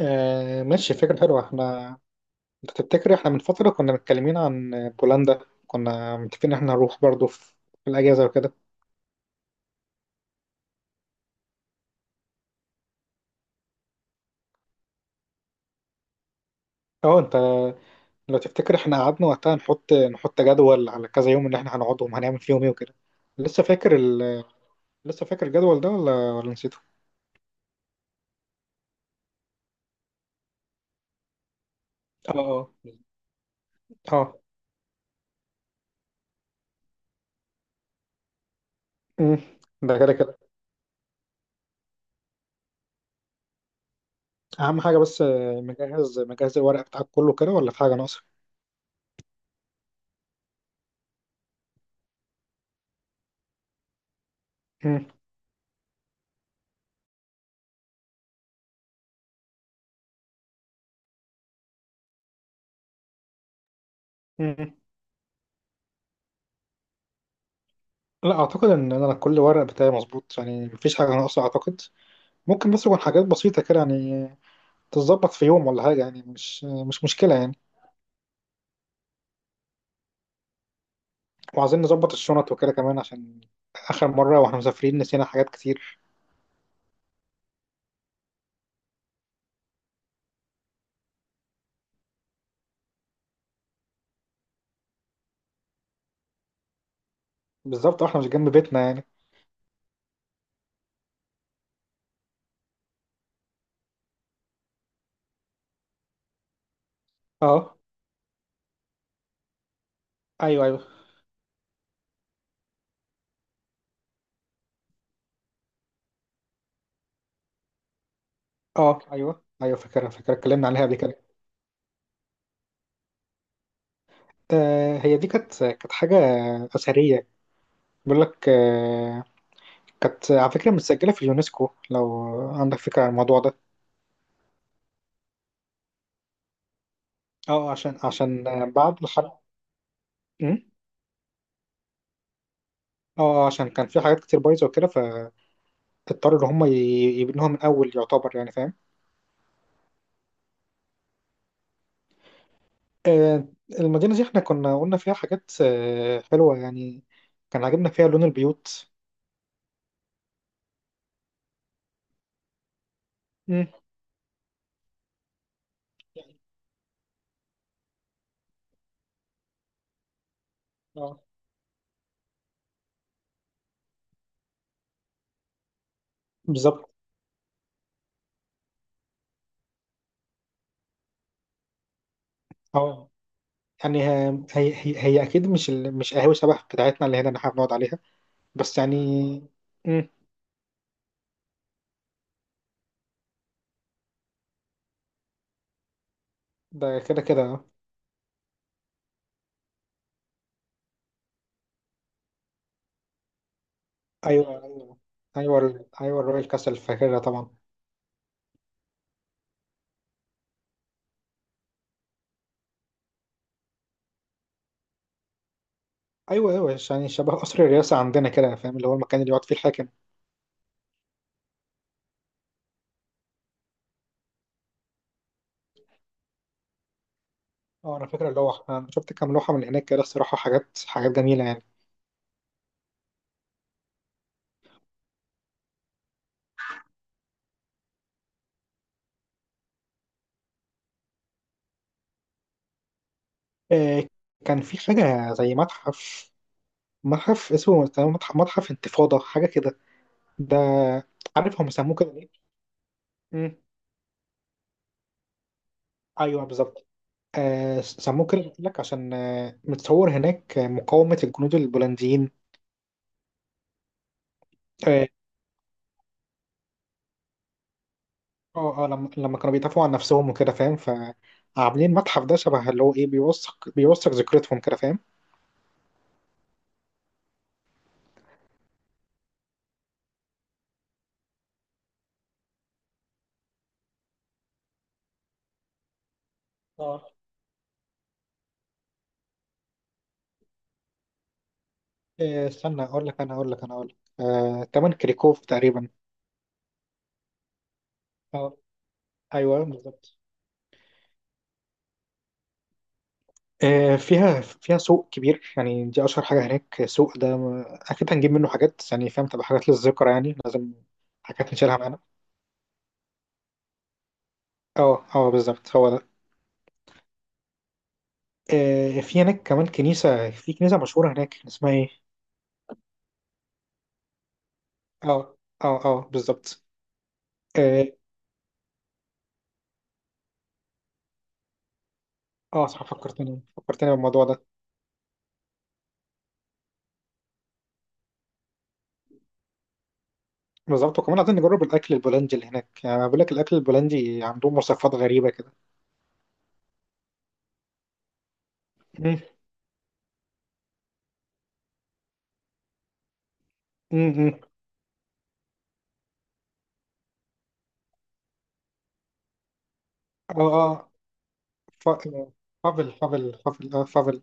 آه، ماشي، فكرة حلوة. انت تفتكر احنا من فترة كنا متكلمين عن بولندا، كنا متفقين ان احنا نروح برضو في الأجازة وكده. اه، انت لو تفتكر احنا قعدنا وقتها نحط جدول على كذا يوم اللي احنا هنقعدهم، هنعمل فيهم ايه وكده. لسه فاكر لسه فاكر الجدول ده ولا نسيته؟ اه، اه، اه. مم. ده كده كده، أهم حاجة بس. مجهز الورق بتاعك كله كده ولا في حاجة ناقصة؟ مم. مم. لا، أعتقد إن أنا كل ورق بتاعي مظبوط، يعني مفيش حاجة ناقصة أعتقد. ممكن بس يكون حاجات بسيطة كده، يعني تتظبط في يوم ولا حاجة، يعني مش مشكلة يعني. وعايزين نظبط الشنط وكده كمان، عشان آخر مرة واحنا مسافرين نسينا حاجات كتير. بالظبط، واحنا مش جنب بيتنا يعني. اه، ايوه، ايوه. اه، ايوه، ايوه، فاكرها فاكرها، اتكلمنا عليها قبل كده. آه، هي دي كانت حاجة أثرية. بيقول لك، كانت على فكرة متسجلة في اليونسكو، لو عندك فكرة عن الموضوع ده. اه، عشان بعد الحرب. م? اه، عشان كان في حاجات كتير بايظة وكده، تضطر ان هم يبنوها من اول يعتبر، يعني فاهم. آه، المدينه دي احنا كنا قلنا فيها حاجات حلوه يعني. كان عاجبنا فيها لون البيوت. مم. اه، بالظبط. اه، يعني هي اكيد مش مش قهوه شبه بتاعتنا اللي هنا اللي احنا بنقعد عليها. بس يعني. مم. ده كده كده. ايوه، ايوه، ايوه، ايوه الرويال كاسل، فاكرها طبعا. ايوه، ايوه، يعني شبه قصر الرئاسه عندنا كده، فاهم؟ اللي هو المكان اللي يقعد فيه الحاكم. اه، انا فاكر اللوحة، انا شفت كام لوحة من هناك كده الصراحة، حاجات حاجات جميلة يعني. آه، كان في حاجة زي متحف اسمه تقريباً متحف انتفاضة، حاجة كده. ده عارف هم سموه كده ليه؟ مم. ايوه، بالظبط. سموه كده قلت لك عشان متصور هناك مقاومة الجنود البولنديين. اه، اه. لما كانوا بيدافعوا عن نفسهم وكده، فاهم. فعاملين المتحف ده شبه اللي هو ايه، بيوثق ذكرتهم كده، فاهم. إيه، استنى اقول لك، انا اقول لك انا اقول لك آه، تمن كريكوف تقريبا. اه، ايوه، بالظبط. فيها سوق كبير يعني، دي اشهر حاجه هناك، السوق ده اكيد هنجيب منه حاجات، يعني فاهم، تبقى حاجات للذكرى يعني لازم. حاجات نشيلها معانا. اه، اه، بالظبط هو ده. في هناك كمان في كنيسه مشهوره هناك، اسمها ايه. اه، اه، اه، بالظبط. اه، صح، فكرتني فكرتني بالموضوع ده. بالظبط، وكمان عايزين نجرب الاكل البولندي اللي هناك، يعني بقول لك الاكل البولندي عندهم وصفات غريبه كده. امم. اه، اه، ف- فافل فافل فافل، فافل.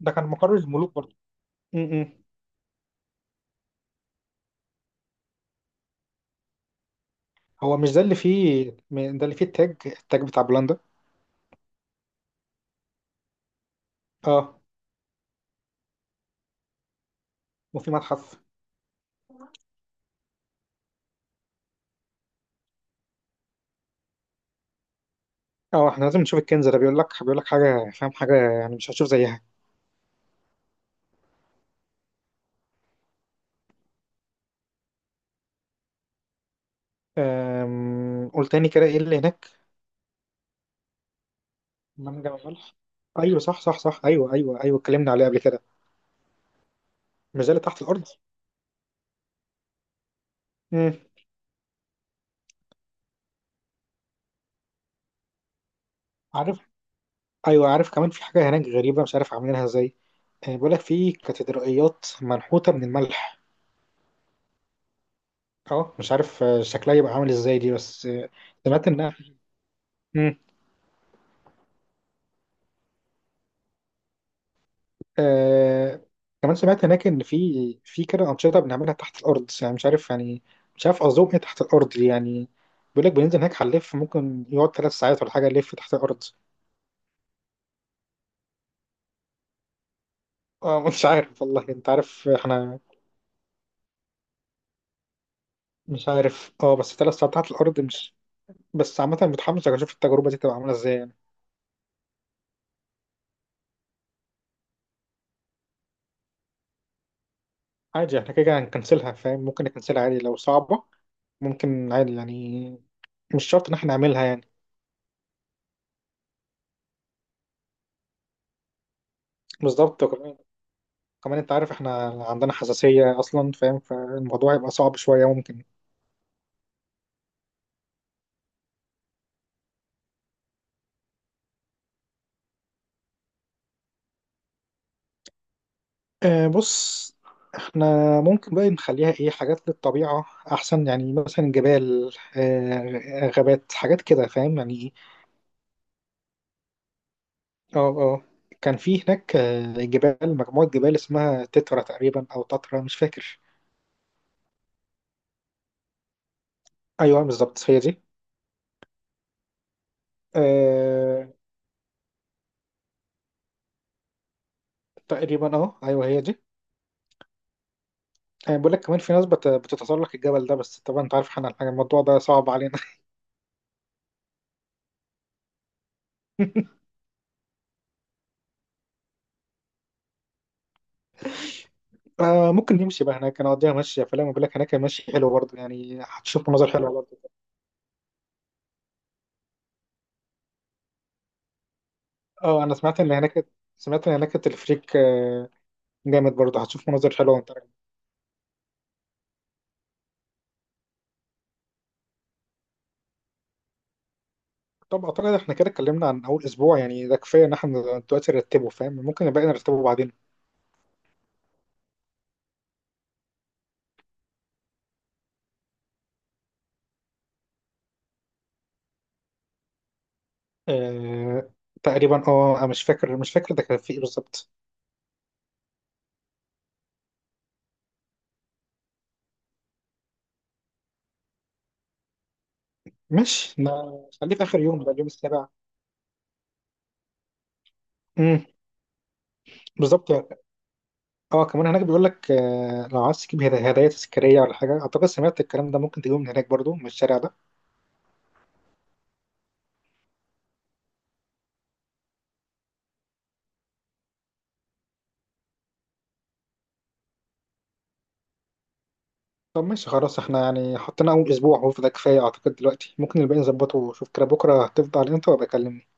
ده كان مقرر الملوك برضه. امم. هو مش ده اللي فيه، ده اللي فيه التاج بتاع بولندا. اه، وفي متحف. اه، احنا لازم نشوف الكنز ده، بيقول لك حاجه، فاهم، حاجه يعني مش هتشوف زيها. قول تاني كده، ايه اللي هناك. منجم الملح. ايوه، صح، صح، صح، ايوه، ايوه، ايوه، اتكلمنا عليه قبل كده. مش ده اللي تحت الارض. امم. عارف. ايوه، عارف. كمان في حاجه هناك غريبه، مش عارف عاملينها ازاي. بيقول لك في كاتدرائيات منحوته من الملح. اه، مش عارف شكلها يبقى عامل ازاي دي، بس سمعت انها. مم. آه كمان سمعت هناك ان في كده انشطه بنعملها تحت الارض، يعني مش عارف يعني. مش عارف قصدهم ايه تحت الارض دي يعني. بيقول لك بننزل هناك هنلف، ممكن يقعد 3 ساعات ولا حاجه، نلف تحت الارض. اه، مش عارف والله، انت عارف احنا. مش عارف، اه، بس 3 ساعات تحت الارض مش. بس عامه متحمس اشوف التجربه دي تبقى عامله ازاي يعني. عادي، احنا كده كده هنكنسلها، فاهم، ممكن نكنسلها عادي لو صعبه. ممكن عادي يعني، مش شرط ان احنا نعملها يعني. بالظبط، وكمان انت عارف احنا عندنا حساسية اصلا، فاهم، فالموضوع يبقى صعب شوية ممكن. اه، بص، احنا ممكن بقى نخليها ايه، حاجات للطبيعة احسن، يعني مثلا جبال اه غابات، حاجات كده، فاهم يعني إيه؟ اه، اه، كان في هناك مجموعة جبال اسمها تترا تقريبا او تترا، مش فاكر. ايوه، بالظبط، هي دي. اه، تقريبا، ايوه، هي دي. بقول لك كمان في ناس بتتسلق الجبل ده، بس طبعا انت عارف احنا الموضوع ده صعب علينا. آه، ممكن نمشي بقى هناك نقضيها مشي، فلا ما بقول لك هناك المشي حلو برضه، يعني هتشوف مناظر حلوه برضه. اه، انا سمعت ان هناك التلفريك جامد برضه، هتشوف مناظر حلوه وانت راجع. طب، اعتقد احنا كده اتكلمنا عن اول اسبوع، يعني ده كفايه ان احنا دلوقتي نرتبه، فاهم، ممكن الباقي نرتبه بعدين. آه، تقريبا، أنا مش فاكر ده كان في ايه بالظبط. ماشي، خليه في اخر يوم بقى، اليوم السابع. امم. بالظبط. اه، كمان هناك بيقول لك، لو عايز تجيب هدايا تذكاريه ولا حاجه، اعتقد سمعت الكلام ده، ممكن تجيبه من هناك برضه، من الشارع ده. طب، ماشي، خلاص، احنا يعني حطينا اول اسبوع، هو فده كفايه اعتقد دلوقتي، ممكن الباقي نظبطه. شوف كده بكره هتفضى على امتى وابقى اكلمني.